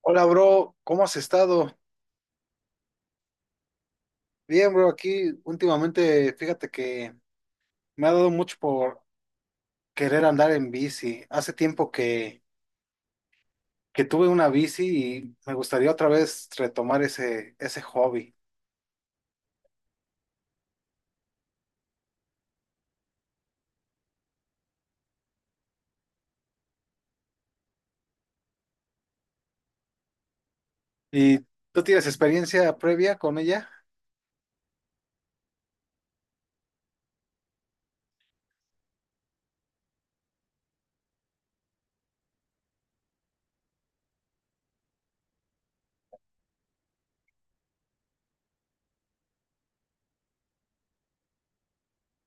Hola, bro, ¿cómo has estado? Bien, bro, aquí últimamente, fíjate que me ha dado mucho por querer andar en bici. Hace tiempo que tuve una bici y me gustaría otra vez retomar ese hobby. ¿Y tú tienes experiencia previa con ella?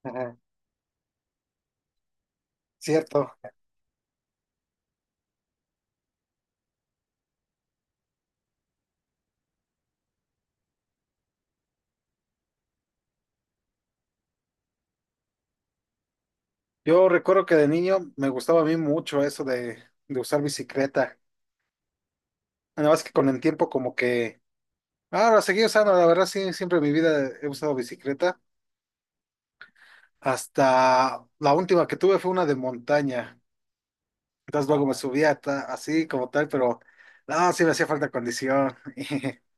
Ajá. Cierto. Yo recuerdo que de niño me gustaba a mí mucho eso de usar bicicleta. Nada más que con el tiempo como que… Ahora seguí usando, la verdad sí, siempre en mi vida he usado bicicleta. Hasta la última que tuve fue una de montaña. Entonces luego así como tal, pero no, sí me hacía falta condición.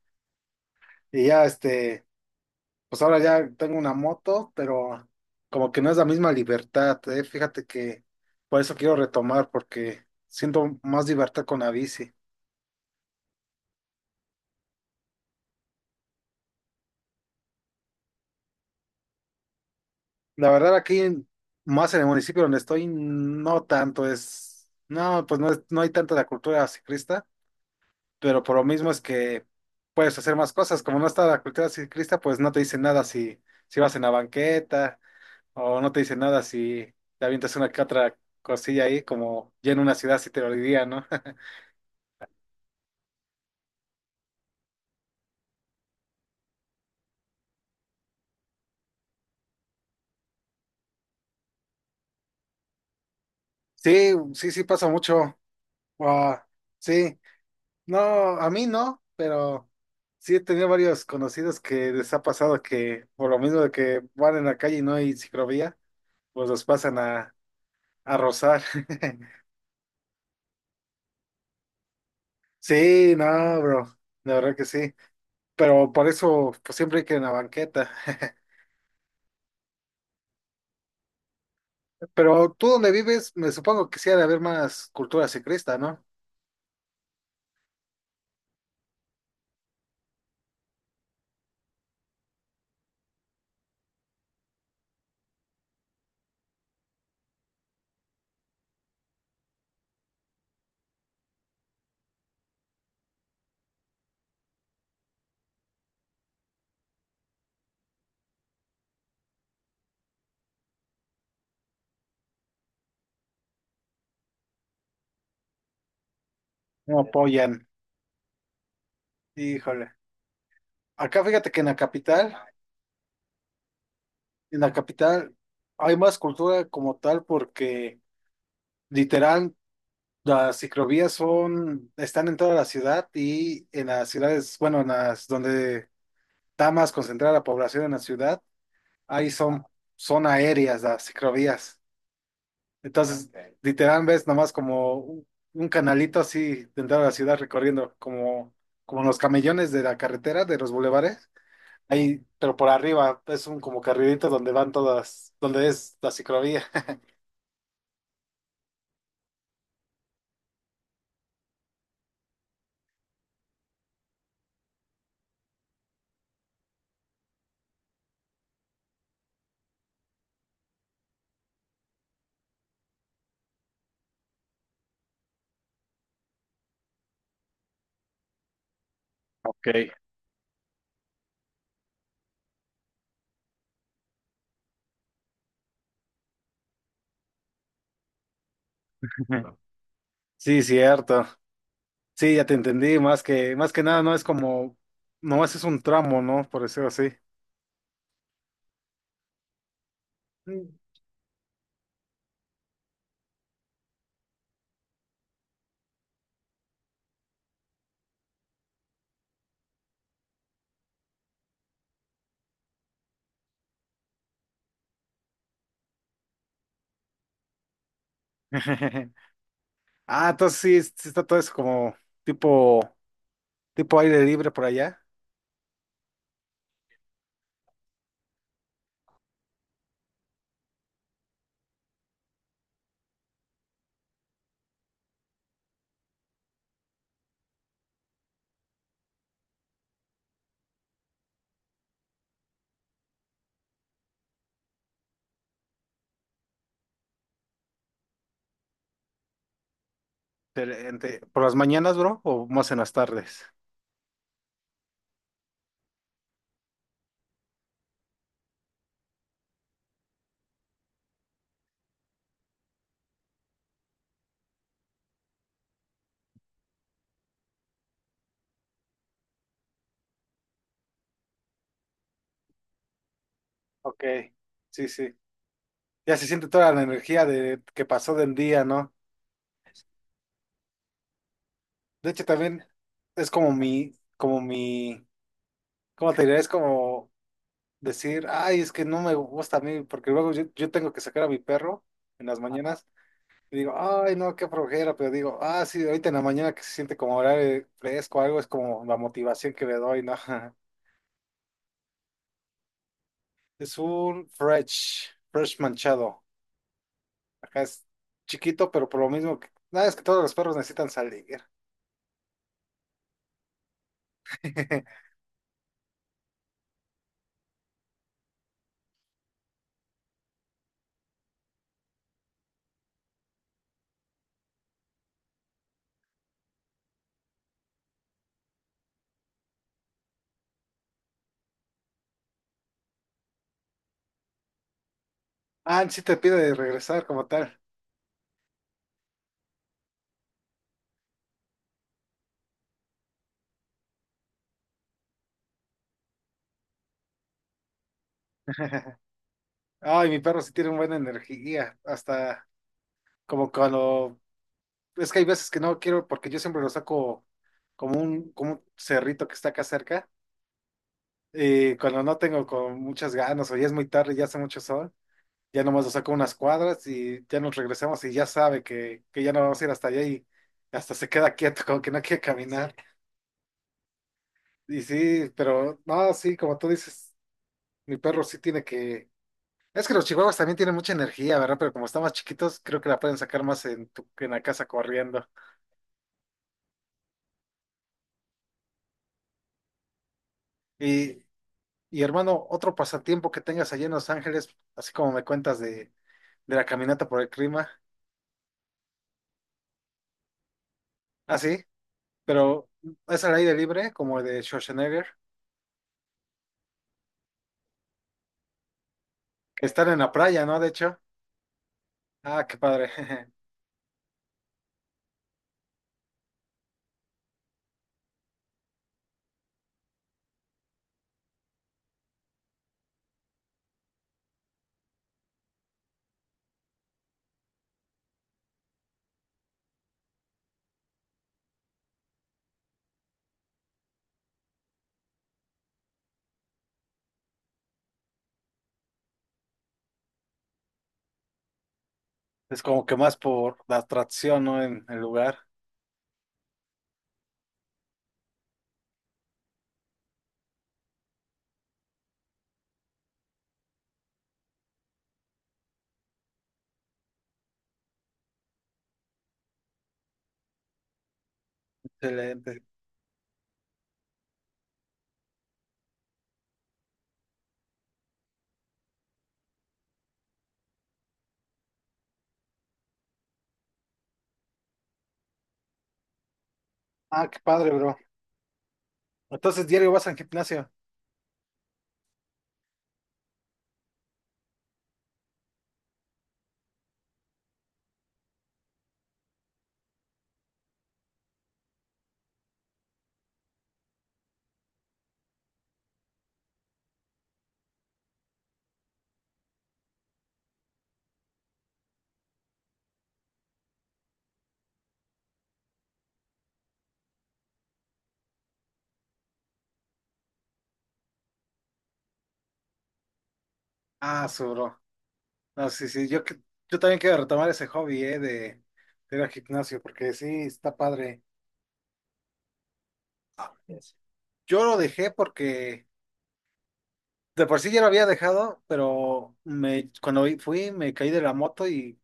Y ya pues ahora ya tengo una moto, pero como que no es la misma libertad, eh. Fíjate que por eso quiero retomar, porque siento más libertad con la bici. La verdad aquí, más en el municipio donde estoy, no tanto es, no, pues no, no hay tanta la cultura ciclista, pero por lo mismo es que puedes hacer más cosas. Como no está la cultura ciclista, pues no te dicen nada si vas en la banqueta o no te dicen nada si te avientas una que otra cosilla ahí, como ya en una ciudad sí te lo diría, ¿no? Sí, sí, sí pasa mucho. Ah, sí, no, a mí no, pero sí he tenido varios conocidos que les ha pasado que por lo mismo de que van en la calle y no hay ciclovía, pues los pasan a rozar. Sí, no, bro, la verdad que sí, pero por eso pues, siempre hay que en la banqueta. Pero tú donde vives, me supongo que sí ha de haber más cultura ciclista, ¿no? No apoyan. Híjole. Acá fíjate que en la capital hay más cultura como tal porque literal las ciclovías son, están en toda la ciudad y en las ciudades, bueno, en las donde está más concentrada la población en la ciudad, ahí son, son aéreas las ciclovías. Entonces, ok, literal, ves nomás como un canalito así dentro de la ciudad recorriendo, como, como los camellones de la carretera, de los bulevares. Ahí, pero por arriba es un como carrilito donde van todas, donde es la ciclovía. Ok. Sí, cierto. Sí, ya te entendí. Más que nada, no es como, nomás es un tramo, ¿no? Por decirlo así. Mm. Ah, entonces sí, sí está todo eso como tipo, tipo aire libre por allá. Excelente. ¿Por las mañanas, bro? ¿O más en las tardes? Ok, sí, sí. Ya se siente toda la energía de que pasó del día, ¿no? De hecho, también es como como mi, ¿cómo te diré? Es como decir, ay, es que no me gusta a mí, porque luego yo tengo que sacar a mi perro en las mañanas. Y digo, ay, no, qué flojera, pero digo, ah, sí, ahorita en la mañana que se siente como horario fresco, algo es como la motivación que le doy, ¿no? Es un fresh manchado. Acá es chiquito, pero por lo mismo que, nada, es que todos los perros necesitan salir. Ah, sí te pide de regresar como tal. Ay, mi perro sí tiene una buena energía, hasta como cuando, es que hay veces que no quiero, porque yo siempre lo saco como un cerrito que está acá cerca. Y cuando no tengo con muchas ganas o ya es muy tarde, ya hace mucho sol, ya nomás lo saco unas cuadras y ya nos regresamos y ya sabe que ya no vamos a ir hasta allá y hasta se queda quieto, como que no quiere caminar. Y sí, pero no, sí, como tú dices, mi perro sí tiene que… Es que los chihuahuas también tienen mucha energía, ¿verdad? Pero como están más chiquitos, creo que la pueden sacar más en la casa corriendo. Y, y hermano, otro pasatiempo que tengas allá en Los Ángeles, así como me cuentas de la caminata por el clima. ¿Ah, sí? Pero es al aire libre, como el de Schwarzenegger, que están en la playa, ¿no? De hecho. Ah, qué padre. Es como que más por la atracción, ¿no? En el lugar. Excelente. Ah, qué padre, bro. Entonces, diario vas al gimnasio. Ah, su bro. No, sí, sí. Yo también quiero retomar ese hobby, ¿eh? De ir al gimnasio, porque sí, está padre. Yes. Yo lo dejé porque de por sí ya lo había dejado, pero cuando fui me caí de la moto. Y,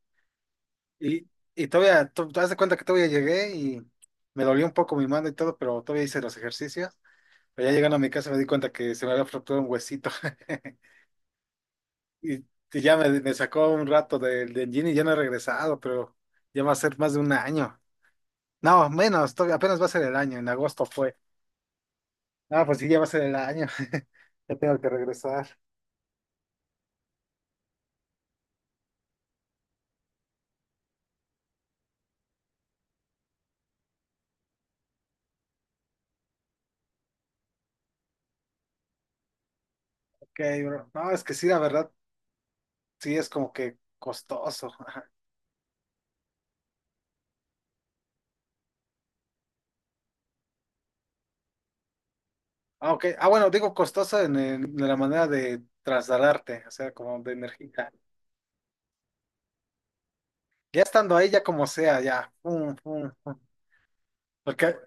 Y, y todavía, tú haz de cuenta que todavía llegué y me dolió un poco mi mano y todo, pero todavía hice los ejercicios. Pero ya llegando a mi casa me di cuenta que se me había fracturado un huesito. Y, y ya me sacó un rato del gym y ya no he regresado, pero ya va a ser más de un año. No, menos, todavía apenas va a ser el año, en agosto fue. No, pues sí, ya va a ser el año. Ya tengo que regresar. Ok, bro. No, es que sí, la verdad, sí es como que costoso. Ah, ok. Ah, bueno, digo costoso en, de la manera de trasladarte, o sea, como de energía. Ya estando ahí, ya como sea, ya, pum, pum, pum. Porque,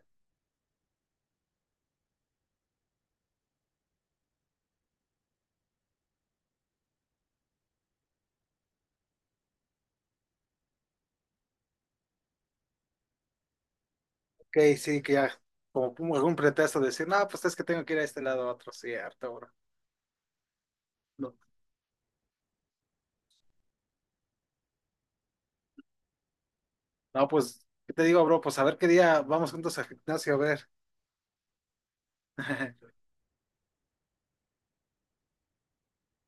ok, sí, que ya, como pum, algún pretexto de decir, no, pues es que tengo que ir a este lado a otro, cierto, bro. No, no, pues, ¿qué te digo, bro? Pues a ver qué día vamos juntos al gimnasio a ver.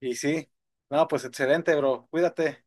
Y sí, no, pues excelente, bro. Cuídate.